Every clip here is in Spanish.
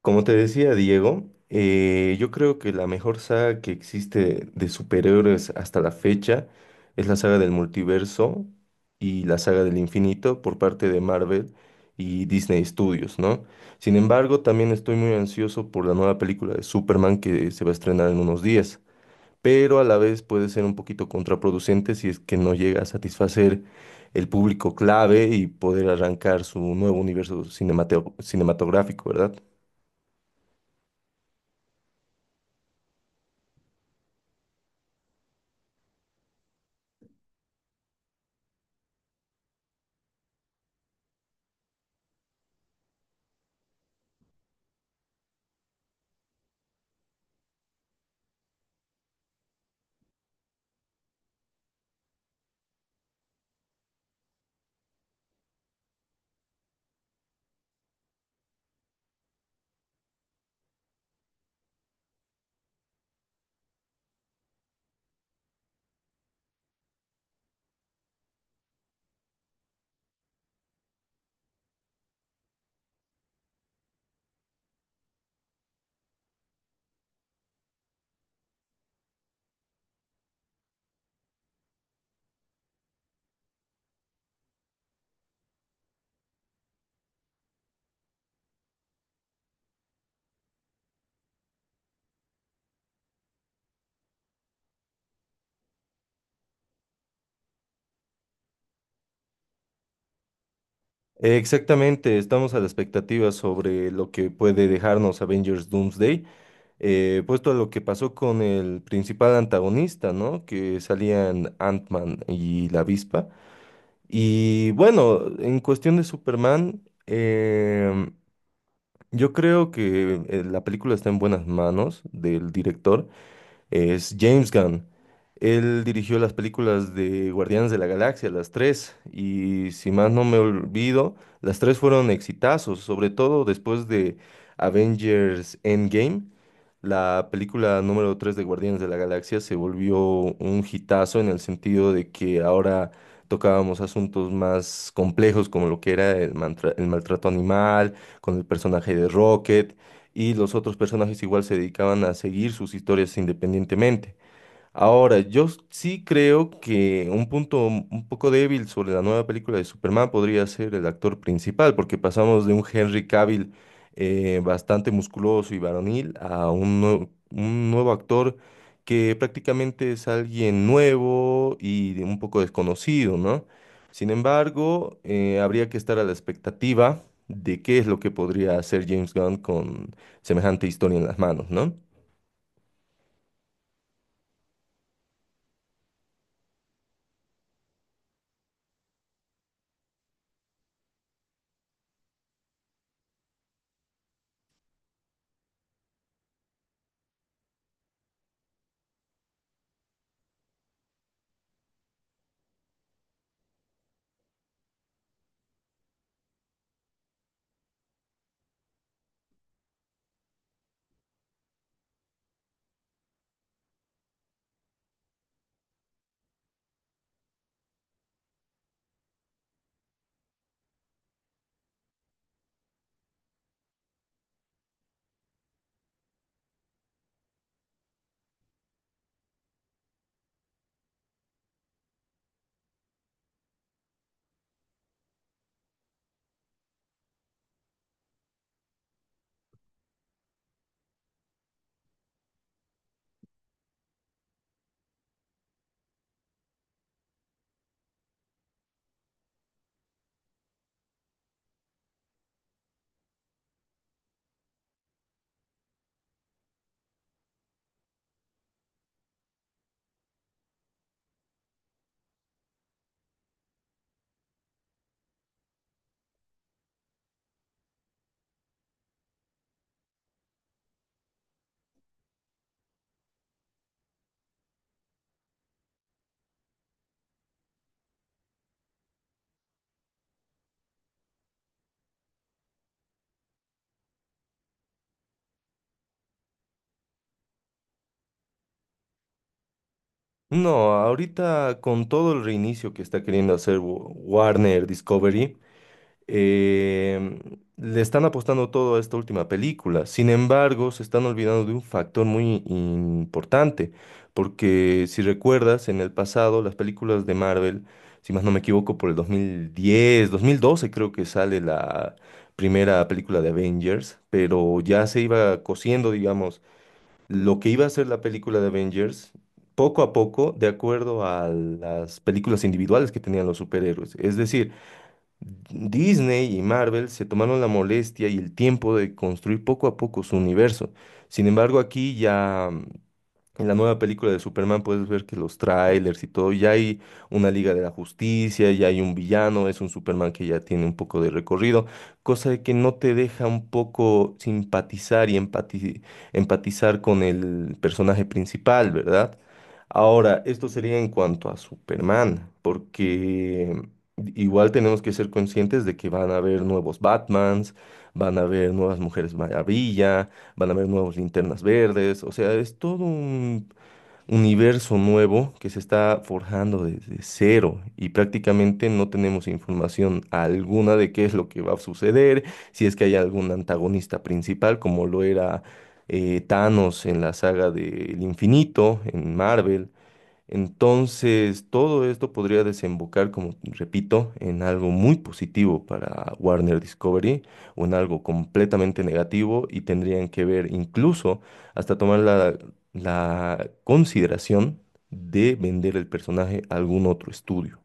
Como te decía Diego, yo creo que la mejor saga que existe de superhéroes hasta la fecha es la saga del multiverso y la saga del infinito por parte de Marvel y Disney Studios, ¿no? Sin embargo, también estoy muy ansioso por la nueva película de Superman que se va a estrenar en unos días, pero a la vez puede ser un poquito contraproducente si es que no llega a satisfacer el público clave y poder arrancar su nuevo universo cinematográfico, ¿verdad? Exactamente, estamos a la expectativa sobre lo que puede dejarnos Avengers Doomsday, puesto a lo que pasó con el principal antagonista, ¿no? Que salían Ant-Man y la Avispa. Y bueno, en cuestión de Superman, yo creo que la película está en buenas manos del director es James Gunn. Él dirigió las películas de Guardianes de la Galaxia, las tres, y si más no me olvido, las tres fueron exitazos, sobre todo después de Avengers Endgame. La película número 3 de Guardianes de la Galaxia se volvió un hitazo en el sentido de que ahora tocábamos asuntos más complejos como lo que era el, el maltrato animal, con el personaje de Rocket, y los otros personajes igual se dedicaban a seguir sus historias independientemente. Ahora, yo sí creo que un punto un poco débil sobre la nueva película de Superman podría ser el actor principal, porque pasamos de un Henry Cavill bastante musculoso y varonil a un nuevo actor que prácticamente es alguien nuevo y de un poco desconocido, ¿no? Sin embargo, habría que estar a la expectativa de qué es lo que podría hacer James Gunn con semejante historia en las manos, ¿no? No, ahorita con todo el reinicio que está queriendo hacer Warner Discovery, em, le están apostando todo a esta última película. Sin embargo, se están olvidando de un factor muy importante, porque si recuerdas, en el pasado las películas de Marvel, si más no me equivoco, por el 2010, 2012 creo que sale la primera película de Avengers, pero ya se iba cosiendo, digamos lo que iba a ser la película de Avengers, poco a poco, de acuerdo a las películas individuales que tenían los superhéroes. Es decir, Disney y Marvel se tomaron la molestia y el tiempo de construir poco a poco su universo. Sin embargo, aquí ya en la nueva película de Superman puedes ver que los trailers y todo, ya hay una Liga de la Justicia, ya hay un villano, es un Superman que ya tiene un poco de recorrido, cosa de que no te deja un poco simpatizar y empatizar con el personaje principal, ¿verdad? Ahora, esto sería en cuanto a Superman, porque igual tenemos que ser conscientes de que van a haber nuevos Batmans, van a haber nuevas Mujeres Maravilla van a haber nuevos linternas verdes, o sea, es todo un universo nuevo que se está forjando desde cero y prácticamente no tenemos información alguna de qué es lo que va a suceder, si es que hay algún antagonista principal como lo era Thanos en la saga del infinito, en Marvel. Entonces, todo esto podría desembocar, como repito, en algo muy positivo para Warner Discovery o en algo completamente negativo y tendrían que ver incluso hasta tomar la consideración de vender el personaje a algún otro estudio.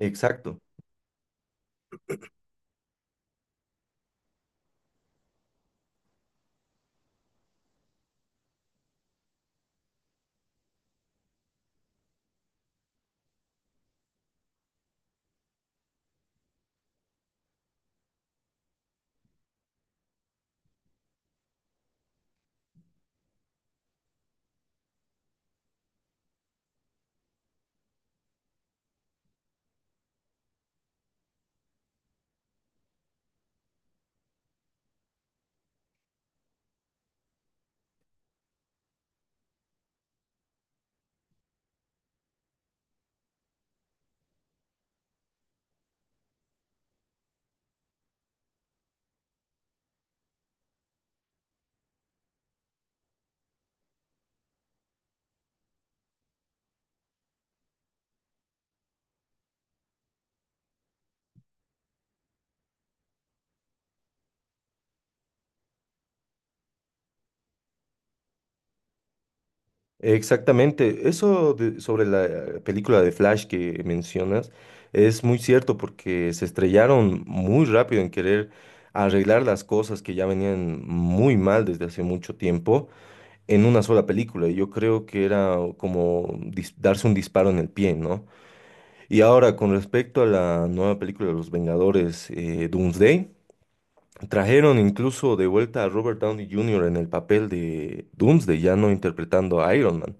Exacto. Exactamente, sobre la película de Flash que mencionas es muy cierto porque se estrellaron muy rápido en querer arreglar las cosas que ya venían muy mal desde hace mucho tiempo en una sola película. Y yo creo que era como darse un disparo en el pie, ¿no? Y ahora con respecto a la nueva película de Los Vengadores, Doomsday. Trajeron incluso de vuelta a Robert Downey Jr. en el papel de Doomsday, ya no interpretando a Iron Man.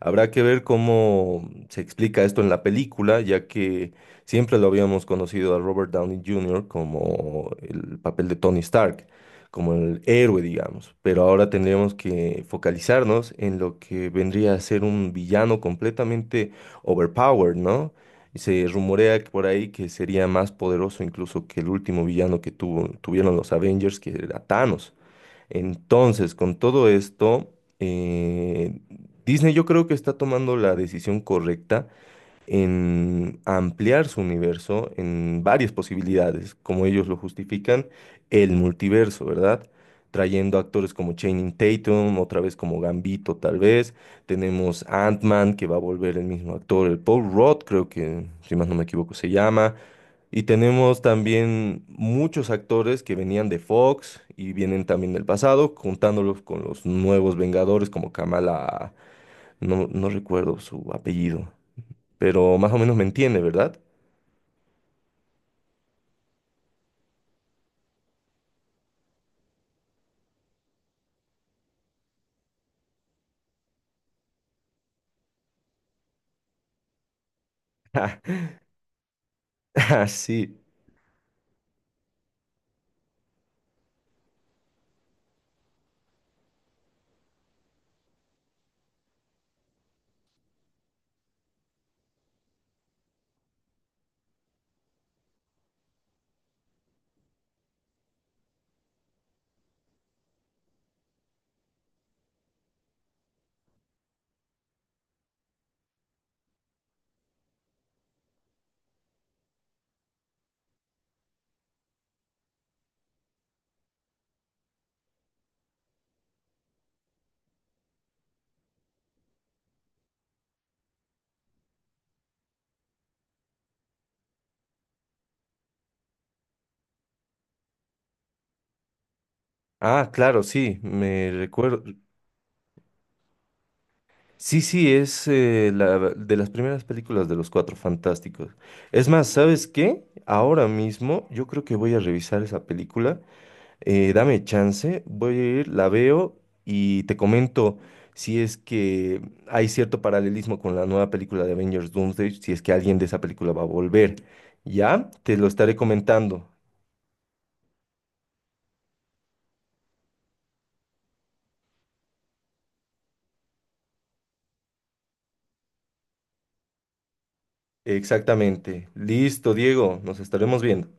Habrá que ver cómo se explica esto en la película, ya que siempre lo habíamos conocido a Robert Downey Jr. como el papel de Tony Stark, como el héroe, digamos. Pero ahora tendríamos que focalizarnos en lo que vendría a ser un villano completamente overpowered, ¿no? Y se rumorea que por ahí que sería más poderoso incluso que el último villano que tuvieron los Avengers, que era Thanos. Entonces, con todo esto, eh, Disney yo creo que está tomando la decisión correcta en ampliar su universo en varias posibilidades, como ellos lo justifican, el multiverso, ¿verdad? Trayendo actores como Channing Tatum, otra vez como Gambito, tal vez. Tenemos Ant-Man, que va a volver el mismo actor, el Paul Rudd, creo que, si más no me equivoco, se llama. Y tenemos también muchos actores que venían de Fox y vienen también del pasado, juntándolos con los nuevos Vengadores como Kamala, no, no recuerdo su apellido, pero más o menos me entiende, ¿verdad? Ah, sí. Ah, claro, sí, me recuerdo. Sí, sí, es de las primeras películas de los Cuatro Fantásticos. Es más, ¿sabes qué? Ahora mismo yo creo que voy a revisar esa película. Dame chance, voy a ir, la veo y te comento si es que hay cierto paralelismo con la nueva película de Avengers Doomsday, si es que alguien de esa película va a volver. ¿Ya? Te lo estaré comentando. Exactamente. Listo, Diego, nos estaremos viendo.